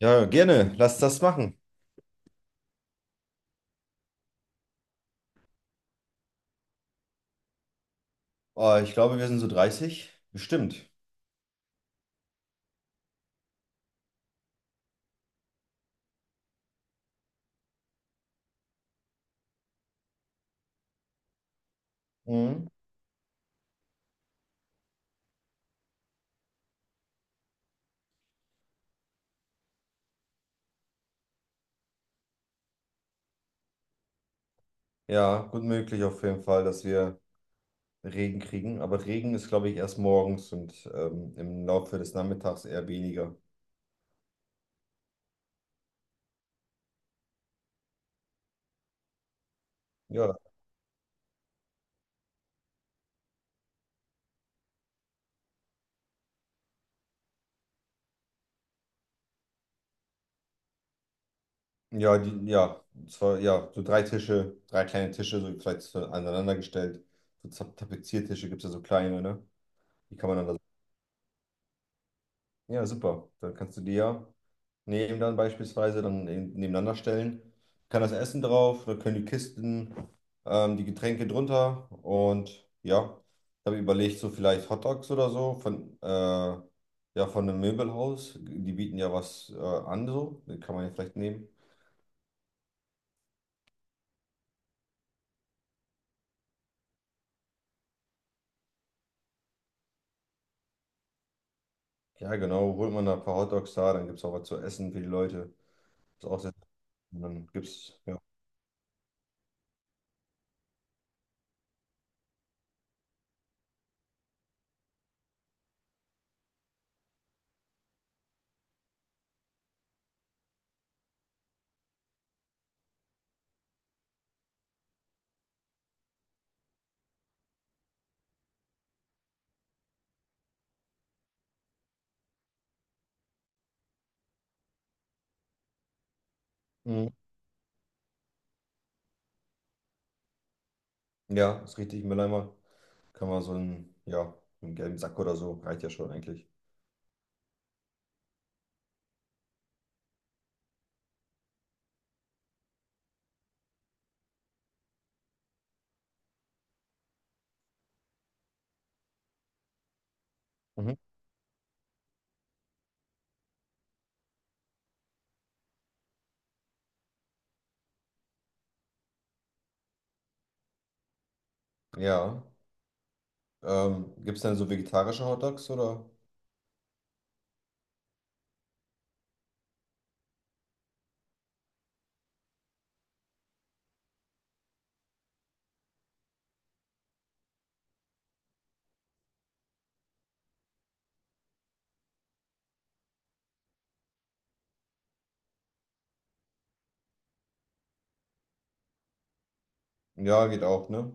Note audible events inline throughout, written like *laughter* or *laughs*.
Ja, gerne. Lass das machen. Ah, ich glaube, wir sind so 30 bestimmt. Mhm. Ja, gut möglich auf jeden Fall, dass wir Regen kriegen. Aber Regen ist, glaube ich, erst morgens und im Laufe des Nachmittags eher weniger. Ja, ja, die, ja, zwar, ja, so drei Tische, drei kleine Tische, so vielleicht so aneinander gestellt. So Tapeziertische gibt es ja so kleine, ne? Die kann man dann da. Ja, super. Dann kannst du die ja neben dann beispielsweise dann nebeneinander stellen. Kann das Essen drauf, da können die Kisten, die Getränke drunter. Und ja, habe überlegt, so vielleicht Hotdogs oder so von, ja, von einem Möbelhaus. Die bieten ja was an, so. Den kann man ja vielleicht nehmen. Ja, genau, holt man da ein paar Hotdogs da, dann gibt es auch was zu essen für die Leute. Ist auch sehr, und dann gibt's, ja. Mhm. Ja, ist richtig, Mülleimer. Kann man so einen, ja, einen gelben Sack oder so, reicht ja schon eigentlich. Mhm. Ja. Gibt es denn so vegetarische Hotdogs oder? Ja, geht auch, ne?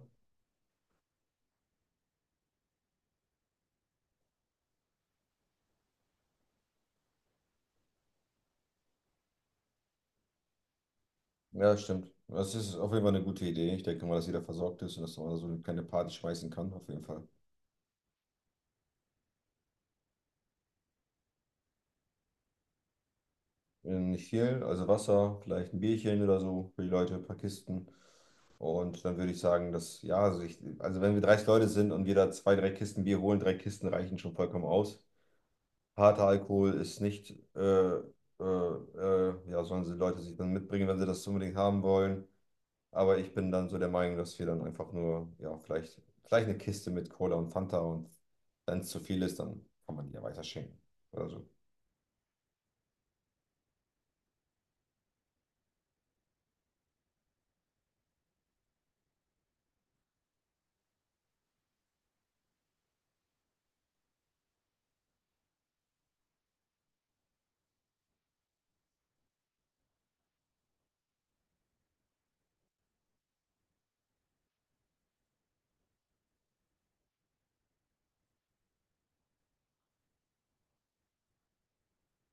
Ja, stimmt. Das ist auf jeden Fall eine gute Idee. Ich denke mal, dass jeder versorgt ist und dass man da so eine kleine Party schmeißen kann, auf jeden Fall. Nicht viel, also Wasser, vielleicht ein Bierchen oder so für die Leute, ein paar Kisten. Und dann würde ich sagen, dass, ja, also, ich, also wenn wir 30 Leute sind und jeder zwei, drei Kisten Bier holen, drei Kisten reichen schon vollkommen aus. Harter Alkohol ist nicht, ja, sollen die Leute sich dann mitbringen, wenn sie das unbedingt haben wollen. Aber ich bin dann so der Meinung, dass wir dann einfach nur, ja, vielleicht, vielleicht eine Kiste mit Cola und Fanta, und wenn es zu viel ist, dann kann man die ja weiter schenken oder so.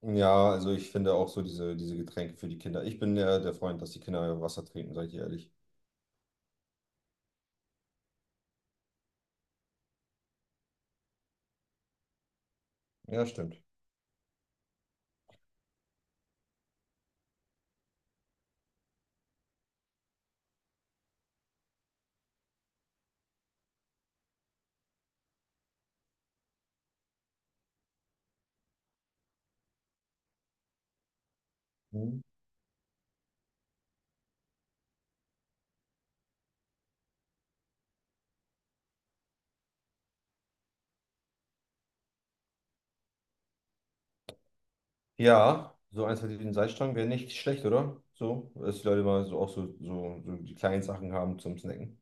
Ja, also ich finde auch so diese Getränke für die Kinder. Ich bin ja der Freund, dass die Kinder Wasser trinken, seid ihr ehrlich. Ja, stimmt. Mhm. Ja, so eins mit den Salzstangen wäre nicht schlecht, oder? So, dass die Leute mal so auch so die kleinen Sachen haben zum Snacken.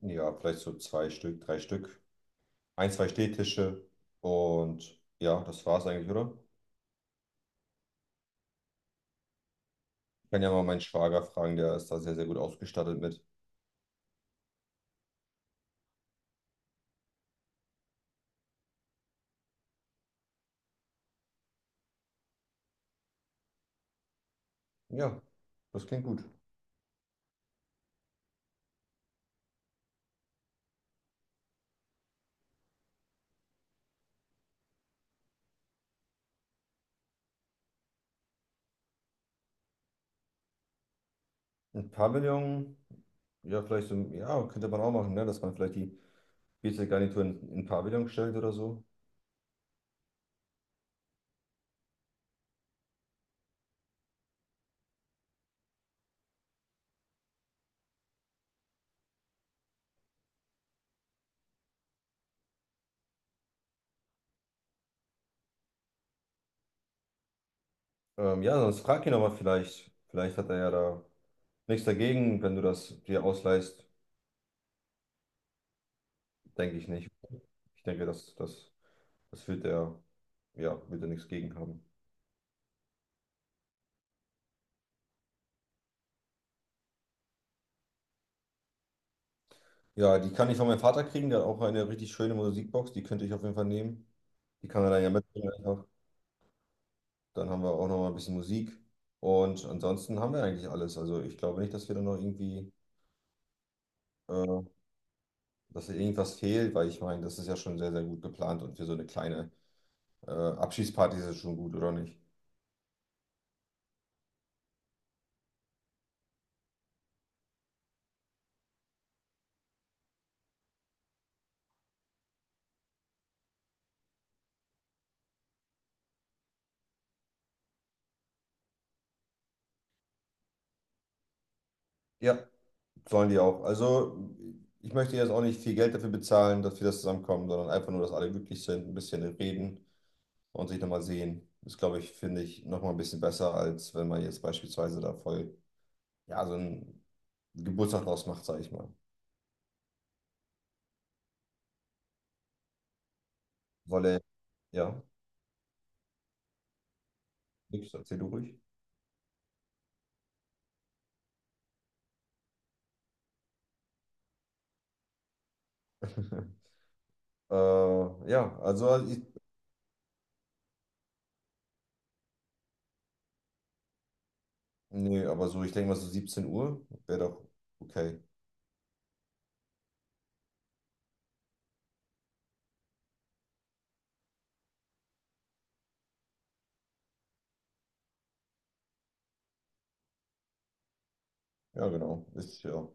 Ja, vielleicht so zwei Stück, drei Stück. Ein, zwei Stehtische. Und ja, das war's eigentlich, oder? Ich kann ja mal meinen Schwager fragen, der ist da sehr, sehr gut ausgestattet mit. Ja, das klingt gut. Ein Pavillon, ja, vielleicht so, ja, könnte man auch machen, ne? Dass man vielleicht die Bierzeltgarnitur in Pavillon stellt oder so. Ja, sonst frag ihn aber vielleicht. Vielleicht hat er ja da nichts dagegen, wenn du das dir ausleihst. Denke ich nicht. Ich denke, das wird er, ja, wird er nichts gegen haben. Ja, die kann ich von meinem Vater kriegen. Der hat auch eine richtig schöne Musikbox. Die könnte ich auf jeden Fall nehmen. Die kann er dann ja mitbringen einfach. Dann haben wir auch noch mal ein bisschen Musik. Und ansonsten haben wir eigentlich alles. Also ich glaube nicht, dass wir da noch irgendwie, äh, dass da irgendwas fehlt, weil ich meine, das ist ja schon sehr, sehr gut geplant und für so eine kleine Abschiedsparty ist es schon gut, oder nicht? Ja, sollen die auch. Also ich möchte jetzt auch nicht viel Geld dafür bezahlen, dass wir das zusammenkommen, sondern einfach nur, dass alle glücklich sind, ein bisschen reden und sich nochmal sehen. Ist, glaube ich, finde ich, nochmal ein bisschen besser, als wenn man jetzt beispielsweise da voll, ja, so einen Geburtstag draus macht, sage ich mal. Wolle, ja, nix, erzähl du ruhig. *laughs* Äh, ja, also, ich, nee, aber so, ich denke mal so 17 Uhr wäre doch okay. Ja, genau. Ist, ja.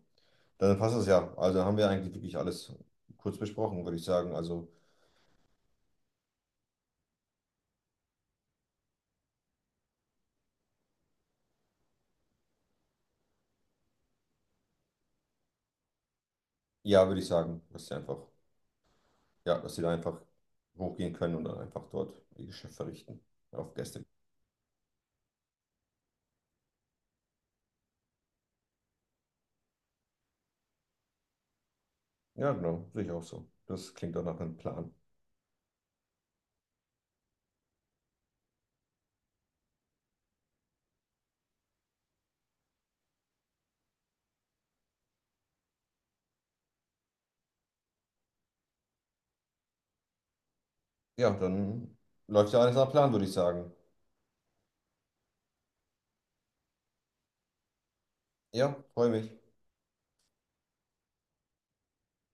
Dann passt es ja. Also haben wir eigentlich wirklich alles kurz besprochen, würde ich sagen. Also, ja, würde ich sagen, dass sie einfach, ja, dass sie da einfach hochgehen können und dann einfach dort ihr Geschäft verrichten. Auf Gäste. Ja, genau, sehe ich auch so. Das klingt doch nach einem Plan. Ja, dann läuft ja alles nach Plan, würde ich sagen. Ja, freue mich.